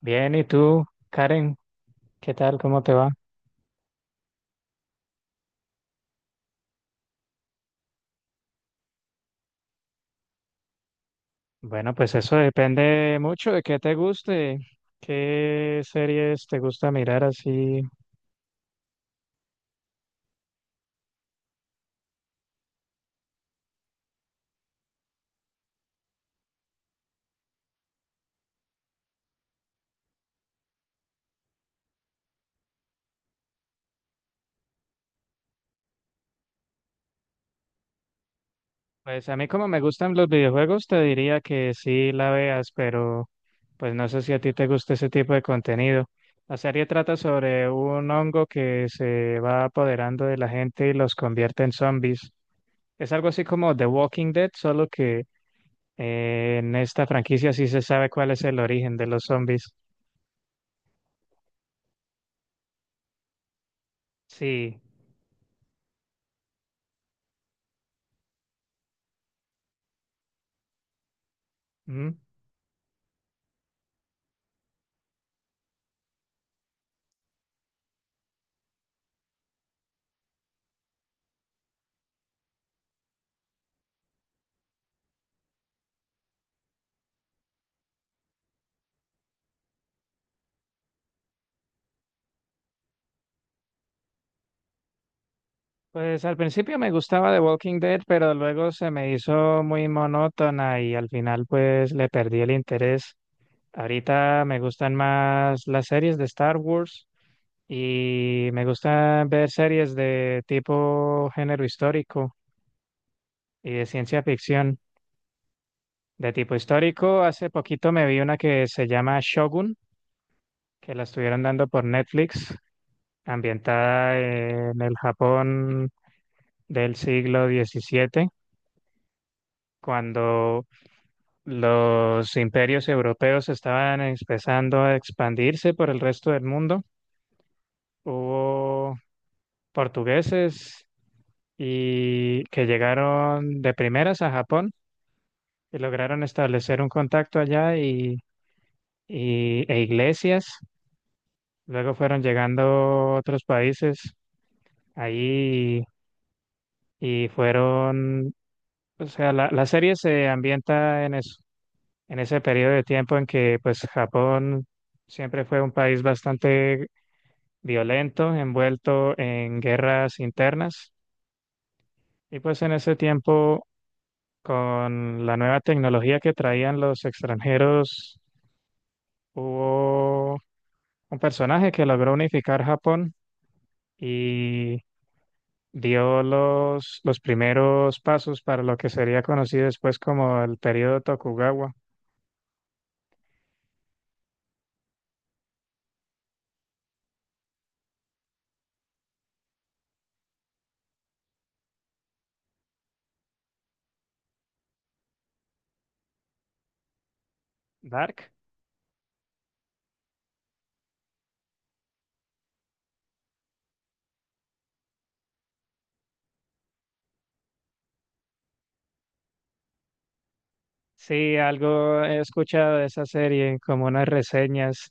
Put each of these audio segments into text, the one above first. Bien, ¿y tú, Karen? ¿Qué tal? ¿Cómo te va? Bueno, pues eso depende mucho de qué te guste, qué series te gusta mirar así. Pues a mí como me gustan los videojuegos, te diría que sí la veas, pero pues no sé si a ti te gusta ese tipo de contenido. La serie trata sobre un hongo que se va apoderando de la gente y los convierte en zombies. Es algo así como The Walking Dead, solo que en esta franquicia sí se sabe cuál es el origen de los zombies. Sí. Mm. Pues al principio me gustaba The Walking Dead, pero luego se me hizo muy monótona y al final pues le perdí el interés. Ahorita me gustan más las series de Star Wars y me gustan ver series de tipo género histórico y de ciencia ficción. De tipo histórico, hace poquito me vi una que se llama Shogun, que la estuvieron dando por Netflix, ambientada en el Japón del siglo 17, cuando los imperios europeos estaban empezando a expandirse por el resto del mundo. Hubo portugueses y que llegaron de primeras a Japón y lograron establecer un contacto allá e iglesias. Luego fueron llegando otros países ahí y fueron, o sea, la serie se ambienta en eso, en ese periodo de tiempo en que pues Japón siempre fue un país bastante violento, envuelto en guerras internas. Y pues en ese tiempo, con la nueva tecnología que traían los extranjeros, hubo un personaje que logró unificar Japón y dio los primeros pasos para lo que sería conocido después como el periodo Tokugawa. Dark. Sí, algo he escuchado de esa serie, como unas reseñas,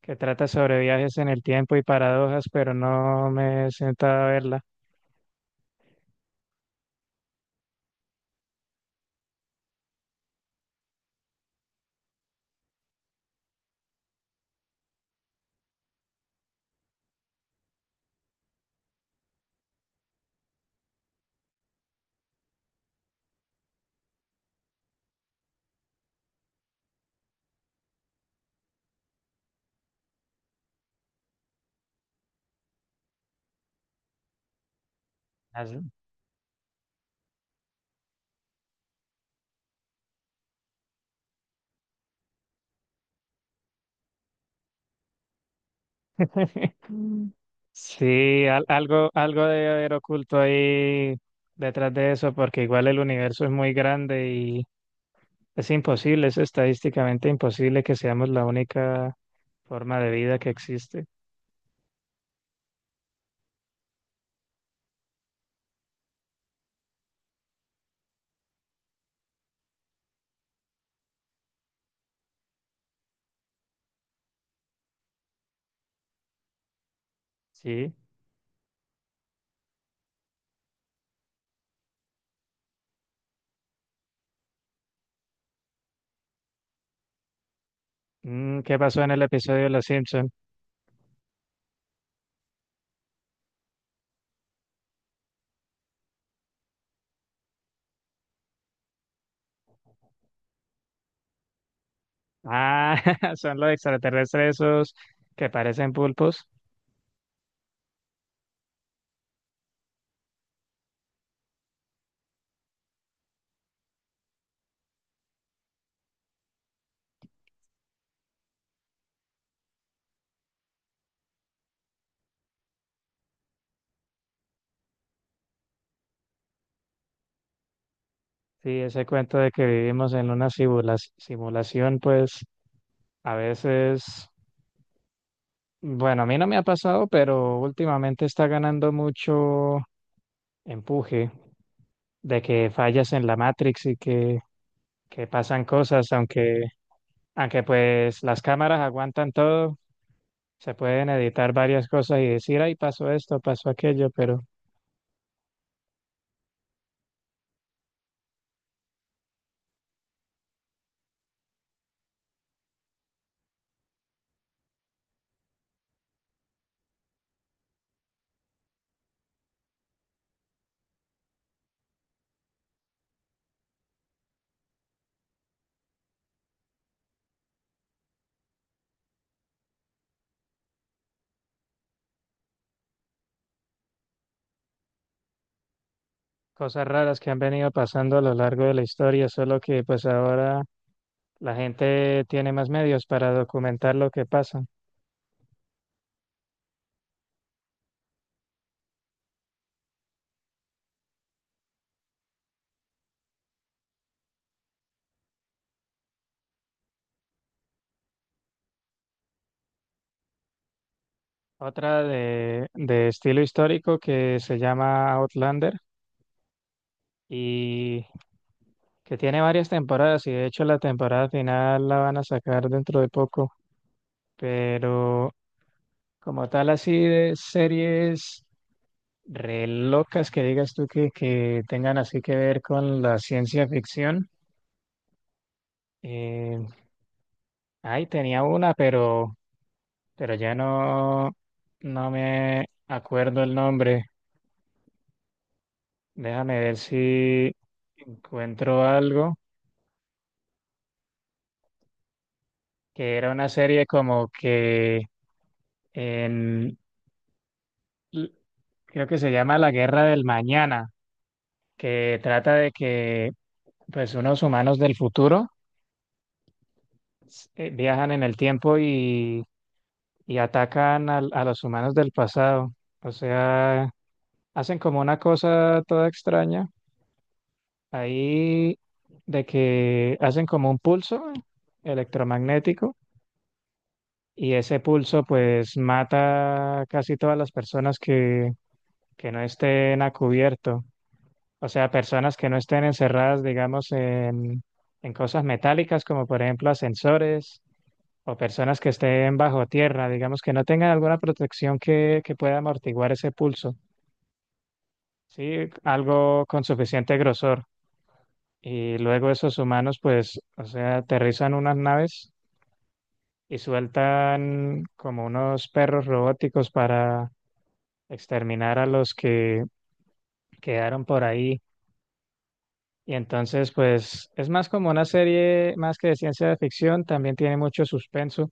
que trata sobre viajes en el tiempo y paradojas, pero no me he sentado a verla. Mm. Sí, algo debe haber oculto ahí detrás de eso, porque igual el universo es muy grande y es imposible, es estadísticamente imposible que seamos la única forma de vida que existe. Sí. Mm, ¿qué pasó en el episodio de Los Simpson? Ah, son los extraterrestres esos que parecen pulpos. Sí, ese cuento de que vivimos en una simulación, pues a veces, bueno, a mí no me ha pasado, pero últimamente está ganando mucho empuje de que fallas en la Matrix y que pasan cosas, aunque, aunque pues las cámaras aguantan todo, se pueden editar varias cosas y decir, ay, pasó esto, pasó aquello, pero cosas raras que han venido pasando a lo largo de la historia, solo que pues ahora la gente tiene más medios para documentar lo que pasa. Otra de estilo histórico que se llama Outlander y que tiene varias temporadas, y de hecho la temporada final la van a sacar dentro de poco, pero como tal así de series re locas que digas tú que tengan así que ver con la ciencia ficción. eh, Ay, tenía una, pero ya no, no me acuerdo el nombre. Déjame ver si encuentro algo, que era una serie como que en, l- creo que se llama La Guerra del Mañana, que trata de que pues unos humanos del futuro viajan en el tiempo y atacan a los humanos del pasado. O sea, hacen como una cosa toda extraña. Ahí de que hacen como un pulso electromagnético, y ese pulso pues mata casi todas las personas que no estén a cubierto. O sea, personas que no estén encerradas, digamos, en cosas metálicas como por ejemplo ascensores, o personas que estén bajo tierra, digamos, que no tengan alguna protección que pueda amortiguar ese pulso. Sí, algo con suficiente grosor. Y luego esos humanos, pues, o sea, aterrizan unas naves y sueltan como unos perros robóticos para exterminar a los que quedaron por ahí. Y entonces, pues, es más como una serie más que de ciencia de ficción, también tiene mucho suspenso,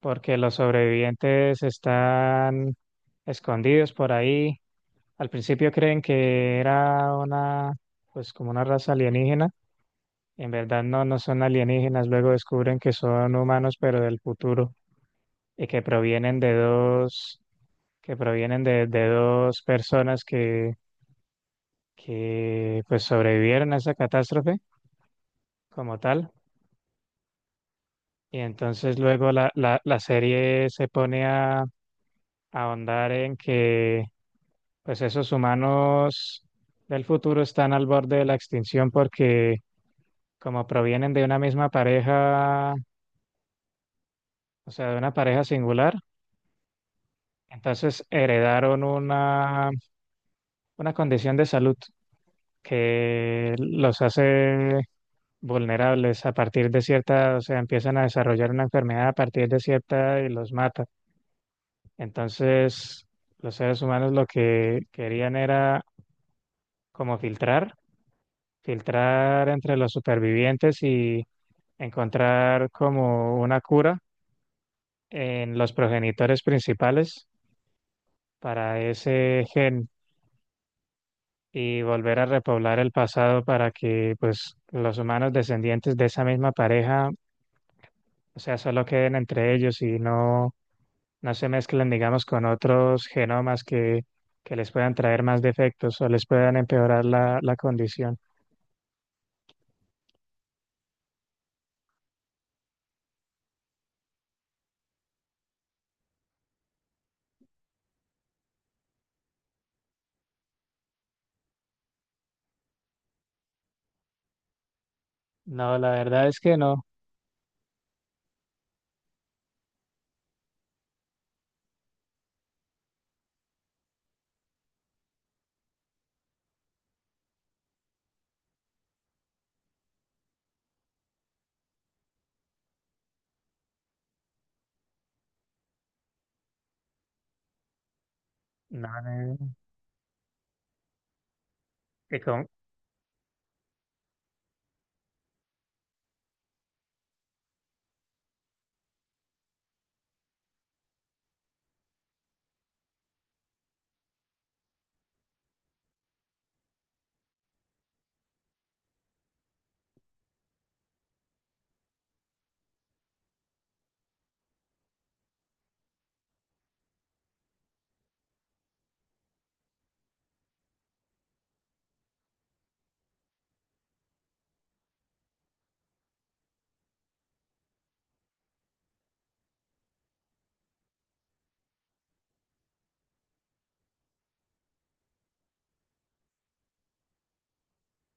porque los sobrevivientes están escondidos por ahí. Al principio creen que era una, pues, como una raza alienígena. En verdad no, no son alienígenas, luego descubren que son humanos, pero del futuro, y que provienen de dos, que provienen de dos personas que pues sobrevivieron a esa catástrofe como tal. Y entonces luego la serie se pone a ahondar en que pues esos humanos del futuro están al borde de la extinción porque como provienen de una misma pareja, o sea, de una pareja singular. Entonces heredaron una condición de salud que los hace vulnerables a partir de cierta, o sea, empiezan a desarrollar una enfermedad a partir de cierta y los mata. Entonces, los seres humanos lo que querían era como filtrar, filtrar entre los supervivientes y encontrar como una cura en los progenitores principales para ese gen, y volver a repoblar el pasado para que pues los humanos descendientes de esa misma pareja, o sea, solo queden entre ellos y no, no se mezclen, digamos, con otros genomas que les puedan traer más defectos o les puedan empeorar la condición. No, la verdad es que no. No, no.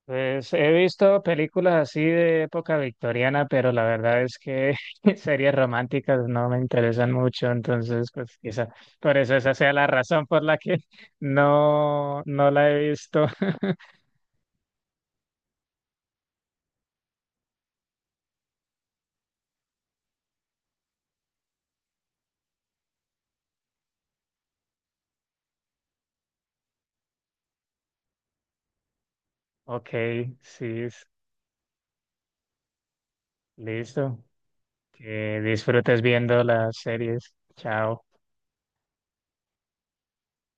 Pues he visto películas así de época victoriana, pero la verdad es que series románticas no me interesan mucho, entonces pues quizá por eso esa sea la razón por la que no, no la he visto. Ok, sí, listo. Que disfrutes viendo las series. Chao.